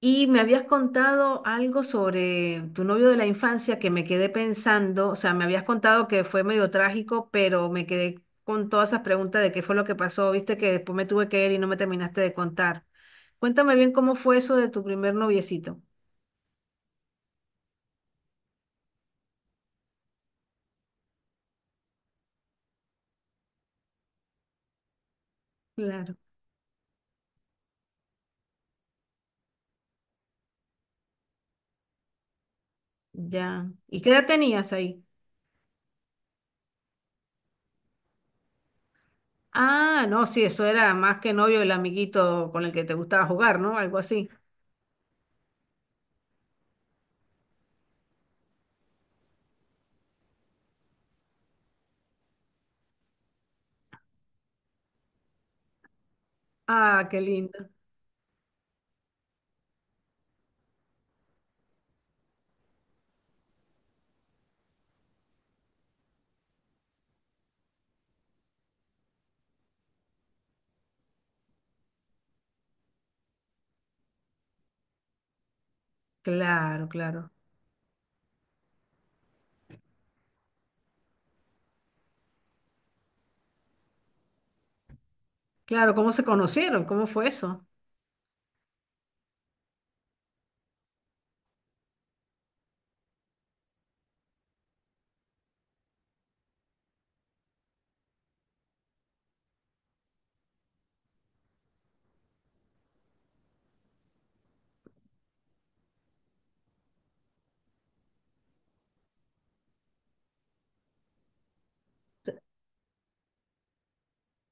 Y me habías contado algo sobre tu novio de la infancia que me quedé pensando, o sea, me habías contado que fue medio trágico, pero me quedé con todas esas preguntas de qué fue lo que pasó, viste que después me tuve que ir y no me terminaste de contar. Cuéntame bien cómo fue eso de tu primer noviecito. Claro, ya. ¿Y qué edad tenías ahí? Ah, no, sí, eso era más que novio, el amiguito con el que te gustaba jugar, ¿no? Algo así. Ah, qué lindo. Claro, claro. Claro, ¿cómo se conocieron? ¿Cómo fue eso?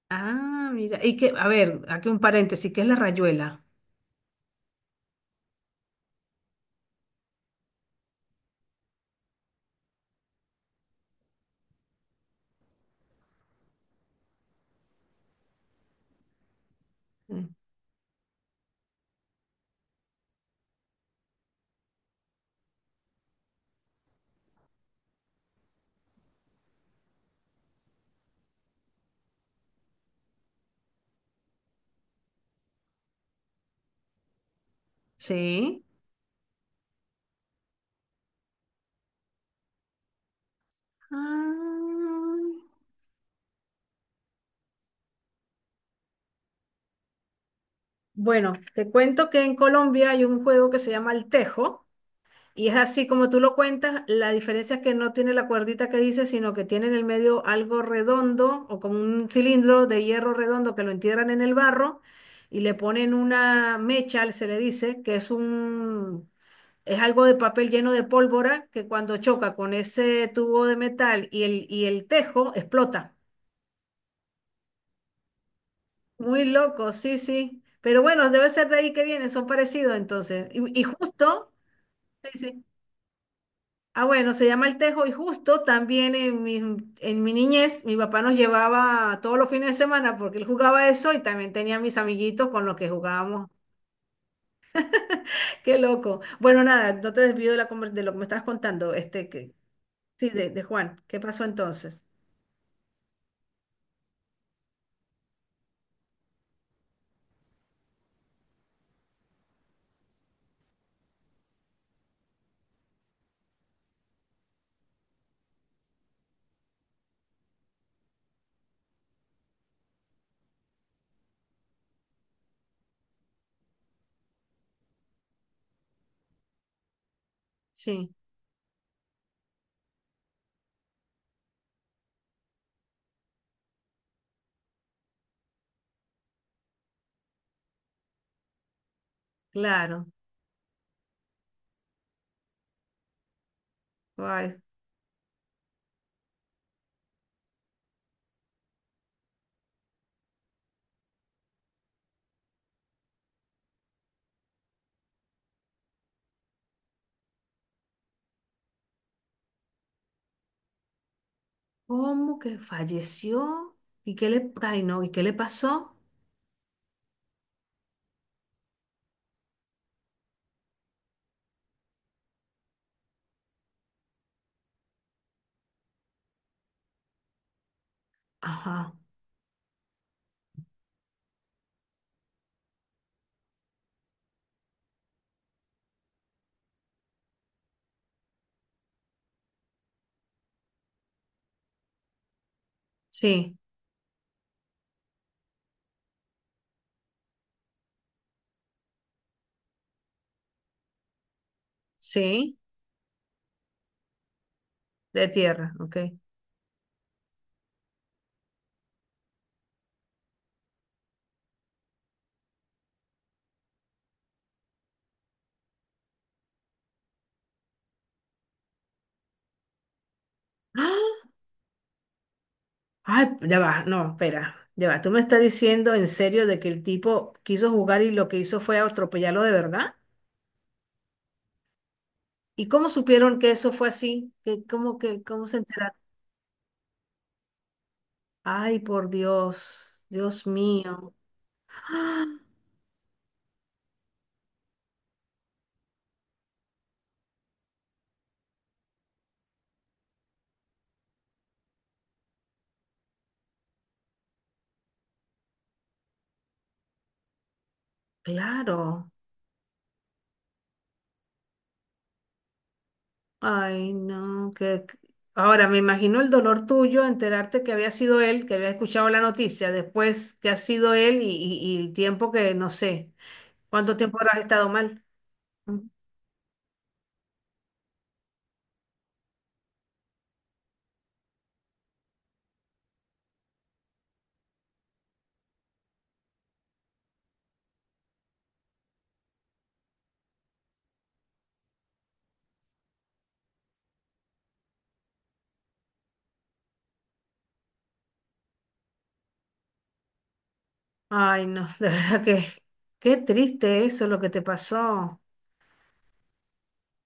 Ah, mira. Y que, a ver, aquí un paréntesis, ¿qué es la rayuela? Mm. Sí. Ah. Bueno, te cuento que en Colombia hay un juego que se llama el tejo y es así como tú lo cuentas, la diferencia es que no tiene la cuerdita que dice, sino que tiene en el medio algo redondo o como un cilindro de hierro redondo que lo entierran en el barro y le ponen una mecha, se le dice, que es un. Es algo de papel lleno de pólvora que cuando choca con ese tubo de metal y el tejo explota. Muy loco, sí, sí. Pero bueno, debe ser de ahí que vienen, son parecidos entonces. Y justo, sí, sí. Ah, bueno, se llama el tejo y justo también en mi niñez mi papá nos llevaba todos los fines de semana porque él jugaba eso y también tenía mis amiguitos con los que jugábamos. Qué loco. Bueno, nada, no te desvío de, la, de lo que me estabas contando, sí, de Juan. ¿Qué pasó entonces? Sí. Claro. Ay, ¿cómo que falleció? ¿Y qué le, ay, no, ¿y qué le pasó? Ajá. Sí, sí, de tierra, ok. ¡Ah! Ay, ya va, no, espera, ya va. ¿Tú me estás diciendo en serio de que el tipo quiso jugar y lo que hizo fue atropellarlo de verdad? ¿Y cómo supieron que eso fue así? ¿Cómo cómo se enteraron? Ay, por Dios, Dios mío. ¡Ah! Claro. Ay, no, ahora me imagino el dolor tuyo enterarte que había sido él, que había escuchado la noticia, después que ha sido él y el tiempo que no sé, cuánto tiempo habrás estado mal. Mm. Ay, no, de verdad que qué triste eso lo que te pasó.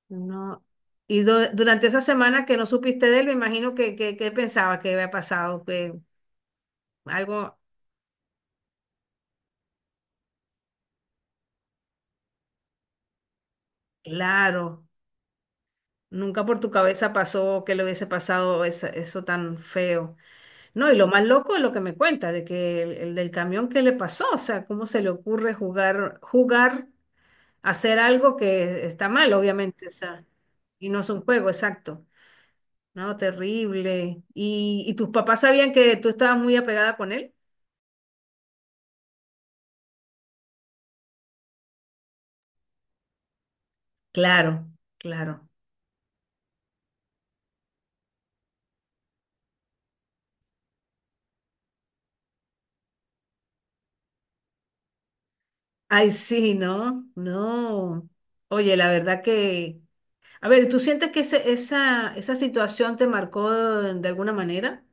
No. Y durante esa semana que no supiste de él, me imagino que pensabas que había pasado, que algo, claro, nunca por tu cabeza pasó que le hubiese pasado eso tan feo. No, y lo más loco es lo que me cuenta, de que el del camión, ¿qué le pasó? O sea, ¿cómo se le ocurre jugar, hacer algo que está mal, obviamente? O sea, y no es un juego, exacto. No, terrible. Y tus papás sabían que tú estabas muy apegada con él? Claro, claro. Ay, sí, no, no. Oye, la verdad que... A ver, ¿tú sientes que esa, esa situación te marcó de alguna manera?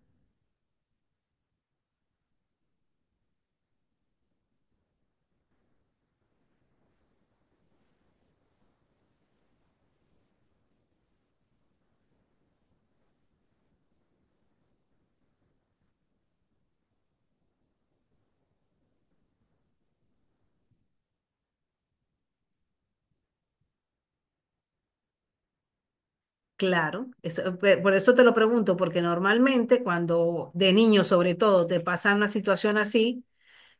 Claro, por eso te lo pregunto, porque normalmente cuando de niño sobre todo te pasa una situación así,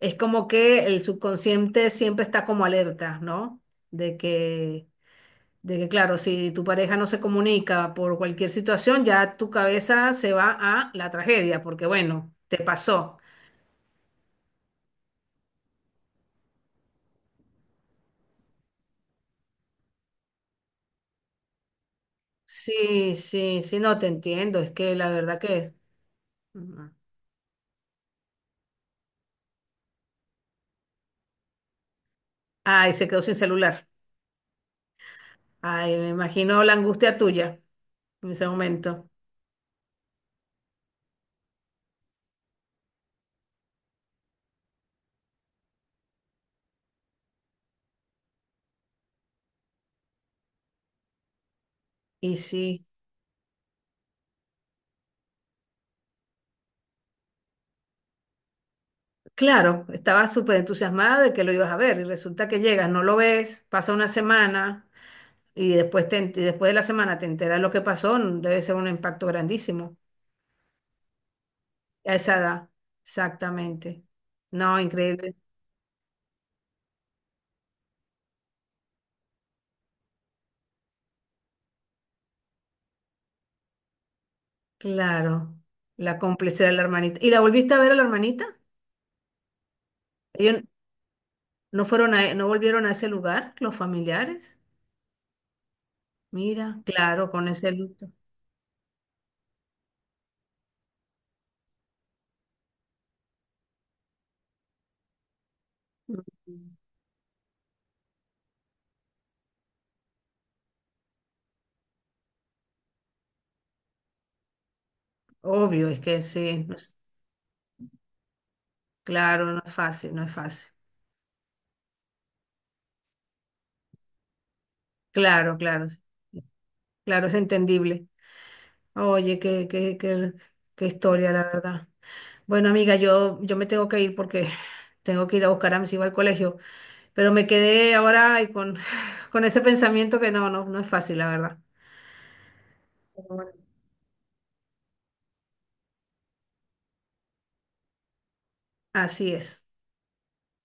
es como que el subconsciente siempre está como alerta, ¿no? De de que claro, si tu pareja no se comunica por cualquier situación, ya tu cabeza se va a la tragedia, porque bueno, te pasó. Sí, sí, sí, no te entiendo, es que la verdad que... Ujú. Ay, se quedó sin celular. Ay, me imagino la angustia tuya en ese momento. Y sí, claro, estaba súper entusiasmada de que lo ibas a ver y resulta que llegas, no lo ves, pasa una semana y después, y después de la semana te enteras lo que pasó, debe ser un impacto grandísimo a esa edad, exactamente. No, increíble. Claro, la complicidad de la hermanita. ¿Y la volviste a ver a la hermanita? Ellos no fueron a, no volvieron a ese lugar, los familiares. Mira, claro, con ese luto. Mm. Obvio, es que sí, claro, no es fácil, no es fácil. Claro, claro, sí. Claro, es entendible. Oye, qué historia, la verdad. Bueno, amiga, yo me tengo que ir porque tengo que ir a buscar a mis hijos al colegio, pero me quedé ahora y con, con ese pensamiento que no es fácil, la verdad. Pero bueno, así es.